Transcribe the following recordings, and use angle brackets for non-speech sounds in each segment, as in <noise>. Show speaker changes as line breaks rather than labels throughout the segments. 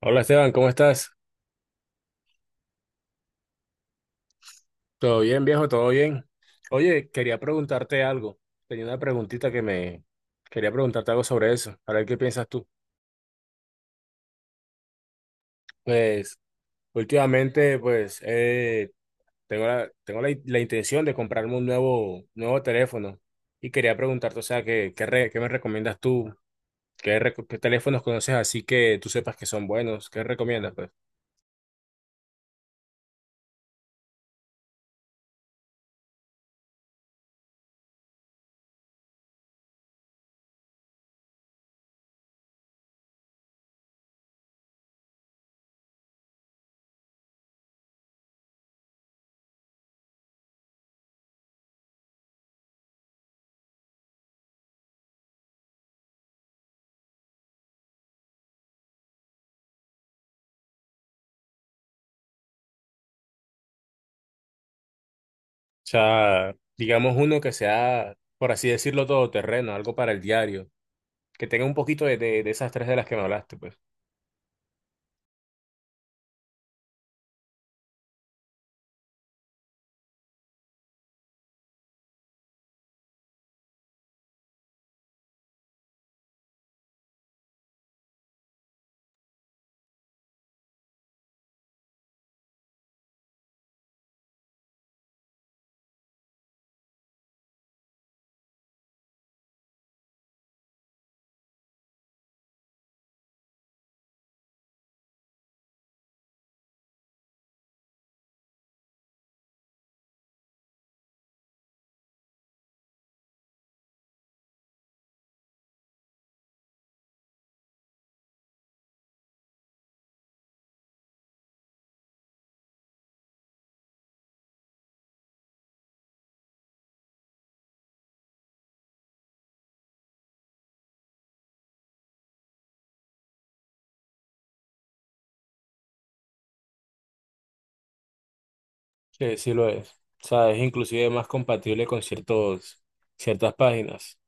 Hola Esteban, ¿cómo estás? ¿Todo bien, viejo? ¿Todo bien? Oye, quería preguntarte algo. Tenía una preguntita que me... Quería preguntarte algo sobre eso. A ver qué piensas tú. Pues, últimamente, pues, tengo la intención de comprarme un nuevo teléfono. Y quería preguntarte, o sea, ¿ qué me recomiendas tú? ¿ qué teléfonos conoces así que tú sepas que son buenos? ¿Qué recomiendas, pues? O sea, digamos uno que sea, por así decirlo, todoterreno, algo para el diario que tenga un poquito de esas tres de las que me hablaste, pues. Sí, sí lo es. O sea, es inclusive más compatible con ciertas páginas.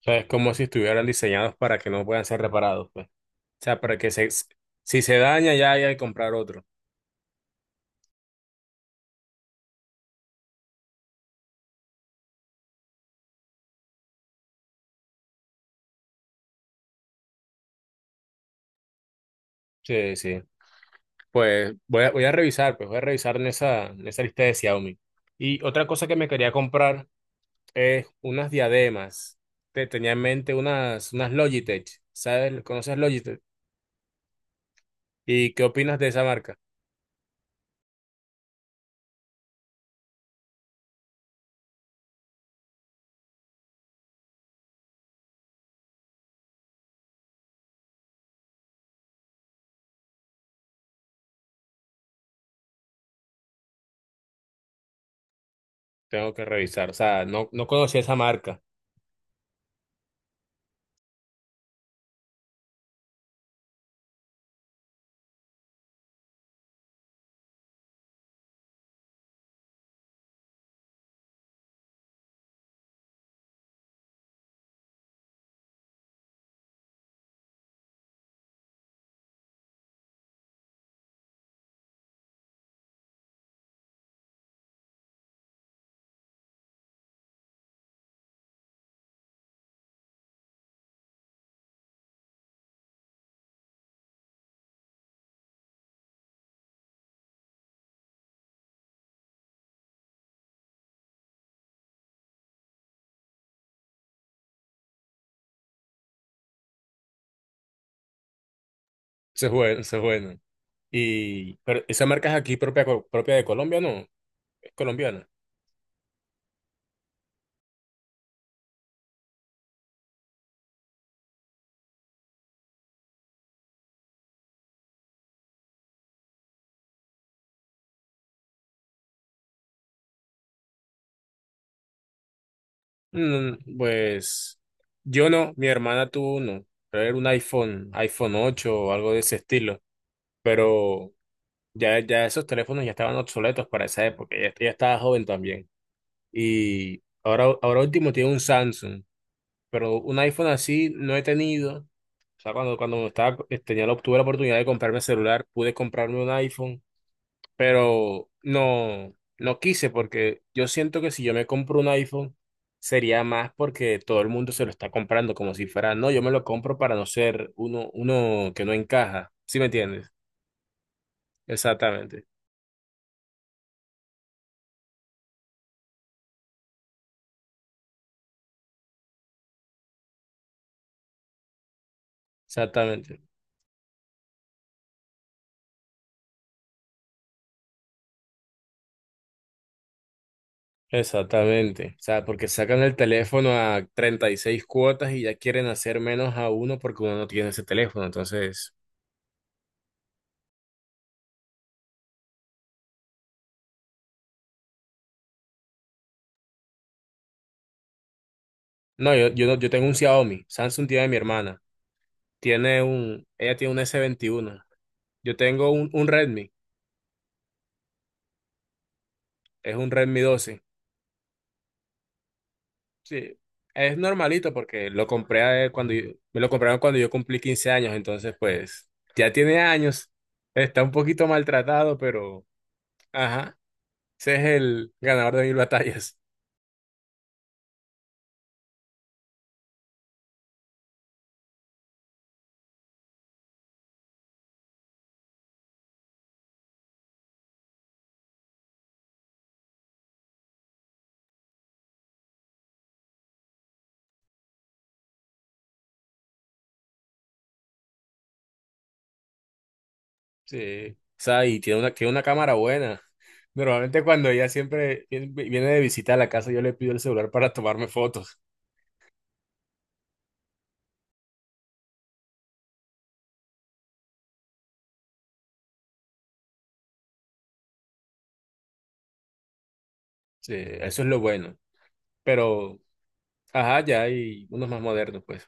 O sea, es como si estuvieran diseñados para que no puedan ser reparados, pues. O sea, para que se, si se daña ya hay que comprar otro. Sí, sí. Pues voy a revisar, pues voy a revisar en en esa lista de Xiaomi. Y otra cosa que me quería comprar es unas diademas. Te tenía en mente unas Logitech. ¿Sabes? ¿Conoces Logitech? ¿Y qué opinas de esa marca? Tengo que revisar. O sea, no, no conocía esa marca. <laughs> Se buena, se buena. Y pero esa marca es aquí propia, co- propia de Colombia, ¿no? Es colombiana. Mm, pues yo no, mi hermana tuvo uno. Pero era un iPhone 8 o algo de ese estilo. Pero ya esos teléfonos ya estaban obsoletos para esa época. Ella estaba joven también. Y ahora último tiene un Samsung. Pero un iPhone así no he tenido. O sea, cuando estaba, tenía, la- tuve la oportunidad de comprarme celular, pude comprarme un iPhone, pero no, no quise porque yo siento que si yo me compro un iPhone sería más porque todo el mundo se lo está comprando como si fuera, no, yo me lo compro para no ser uno que no encaja. ¿Sí me entiendes? Exactamente, exactamente. Exactamente. O sea, porque sacan el teléfono a 36 cuotas y ya quieren hacer menos a uno porque uno no tiene ese teléfono. Entonces, no, yo tengo un Xiaomi. Samsung tiene mi hermana. Tiene un, ella tiene un s 21. Yo tengo un Redmi. Es un Redmi 12. Sí, es normalito porque lo compré, cuando yo- me lo compraron cuando yo cumplí 15 años. Entonces, pues, ya tiene años. Está un poquito maltratado, pero, ajá, ese es el ganador de mil batallas. Sí. O sea, y tiene una cámara buena. Normalmente cuando ella siempre viene de visita a la casa, yo le pido el celular para tomarme fotos. Sí, eso es lo bueno. Pero, ajá, ya hay unos más modernos, pues.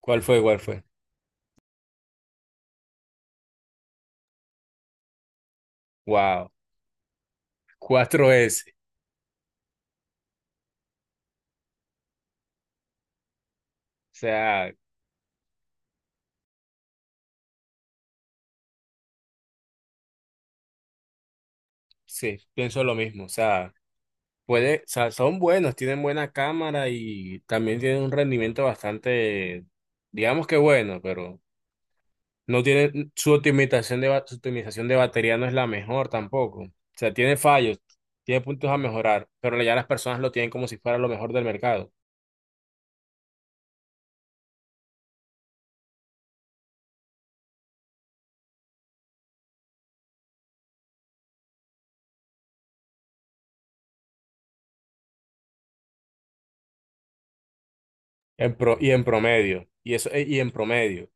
¿Cuál fue? ¿Cuál fue? Wow. Cuatro s. O sea, sí, pienso lo mismo. O sea, puede, o sea, son buenos, tienen buena cámara y también tienen un rendimiento bastante, digamos que bueno, pero no tiene, su optimización de, ba- su optimización de batería no es la mejor tampoco. O sea, tiene fallos, tiene puntos a mejorar, pero ya las personas lo tienen como si fuera lo mejor del mercado. En pro, y en promedio. Y eso, y en promedio. O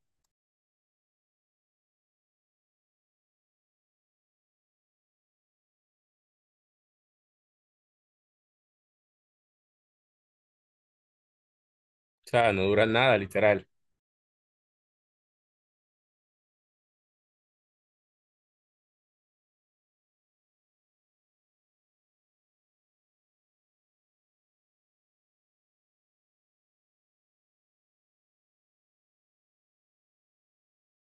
sea, no dura nada, literal.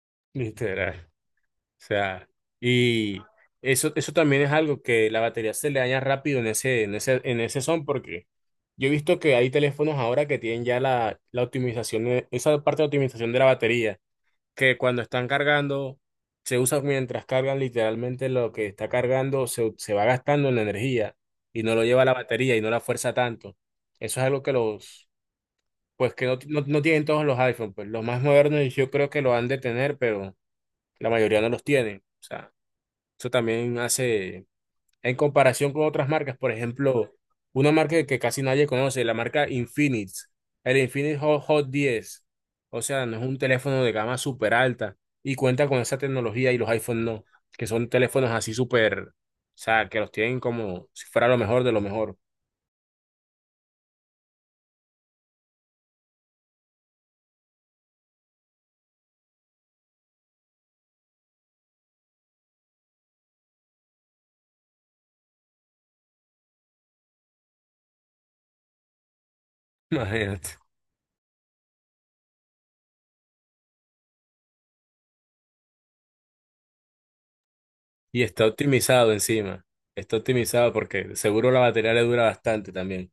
<laughs> Literal. O sea, y eso también es algo que la batería se le daña rápido en en ese son, porque yo he visto que hay teléfonos ahora que tienen ya la optimización, esa parte de optimización de la batería que cuando están cargando, se usa mientras cargan literalmente lo que está cargando, se va gastando en la energía y no lo lleva la batería y no la fuerza tanto. Eso es algo que los, pues que no tienen todos los iPhones, pues los más modernos yo creo que lo han de tener, pero la mayoría no los tienen. O sea, eso también hace en comparación con otras marcas, por ejemplo, una marca que casi nadie conoce, la marca Infinix, el Infinix Hot, Hot 10. O sea, no es un teléfono de gama súper alta y cuenta con esa tecnología y los iPhone no, que son teléfonos así súper, o sea, que los tienen como si fuera lo mejor de lo mejor. <laughs> Imagínate. Y está optimizado encima. Está optimizado porque seguro la batería le dura bastante también.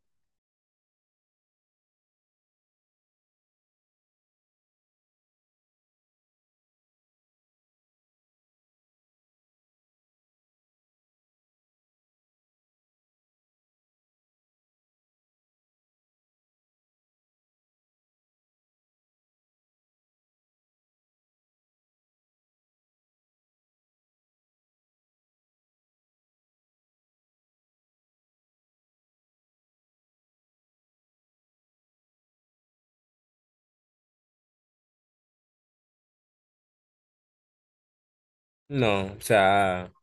No, o sea,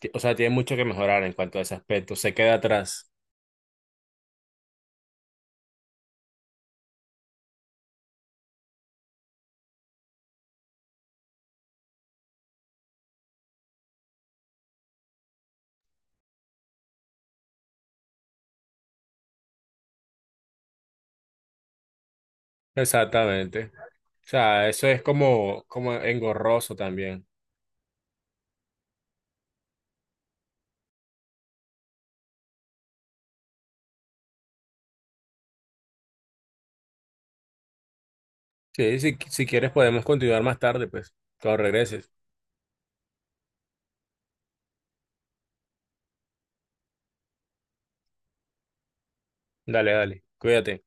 ti- o sea, tiene mucho que mejorar en cuanto a ese aspecto. Se queda atrás. Exactamente. O sea, eso es como, como engorroso también. Sí, si, si quieres podemos continuar más tarde, pues, cuando regreses. Dale, dale, cuídate.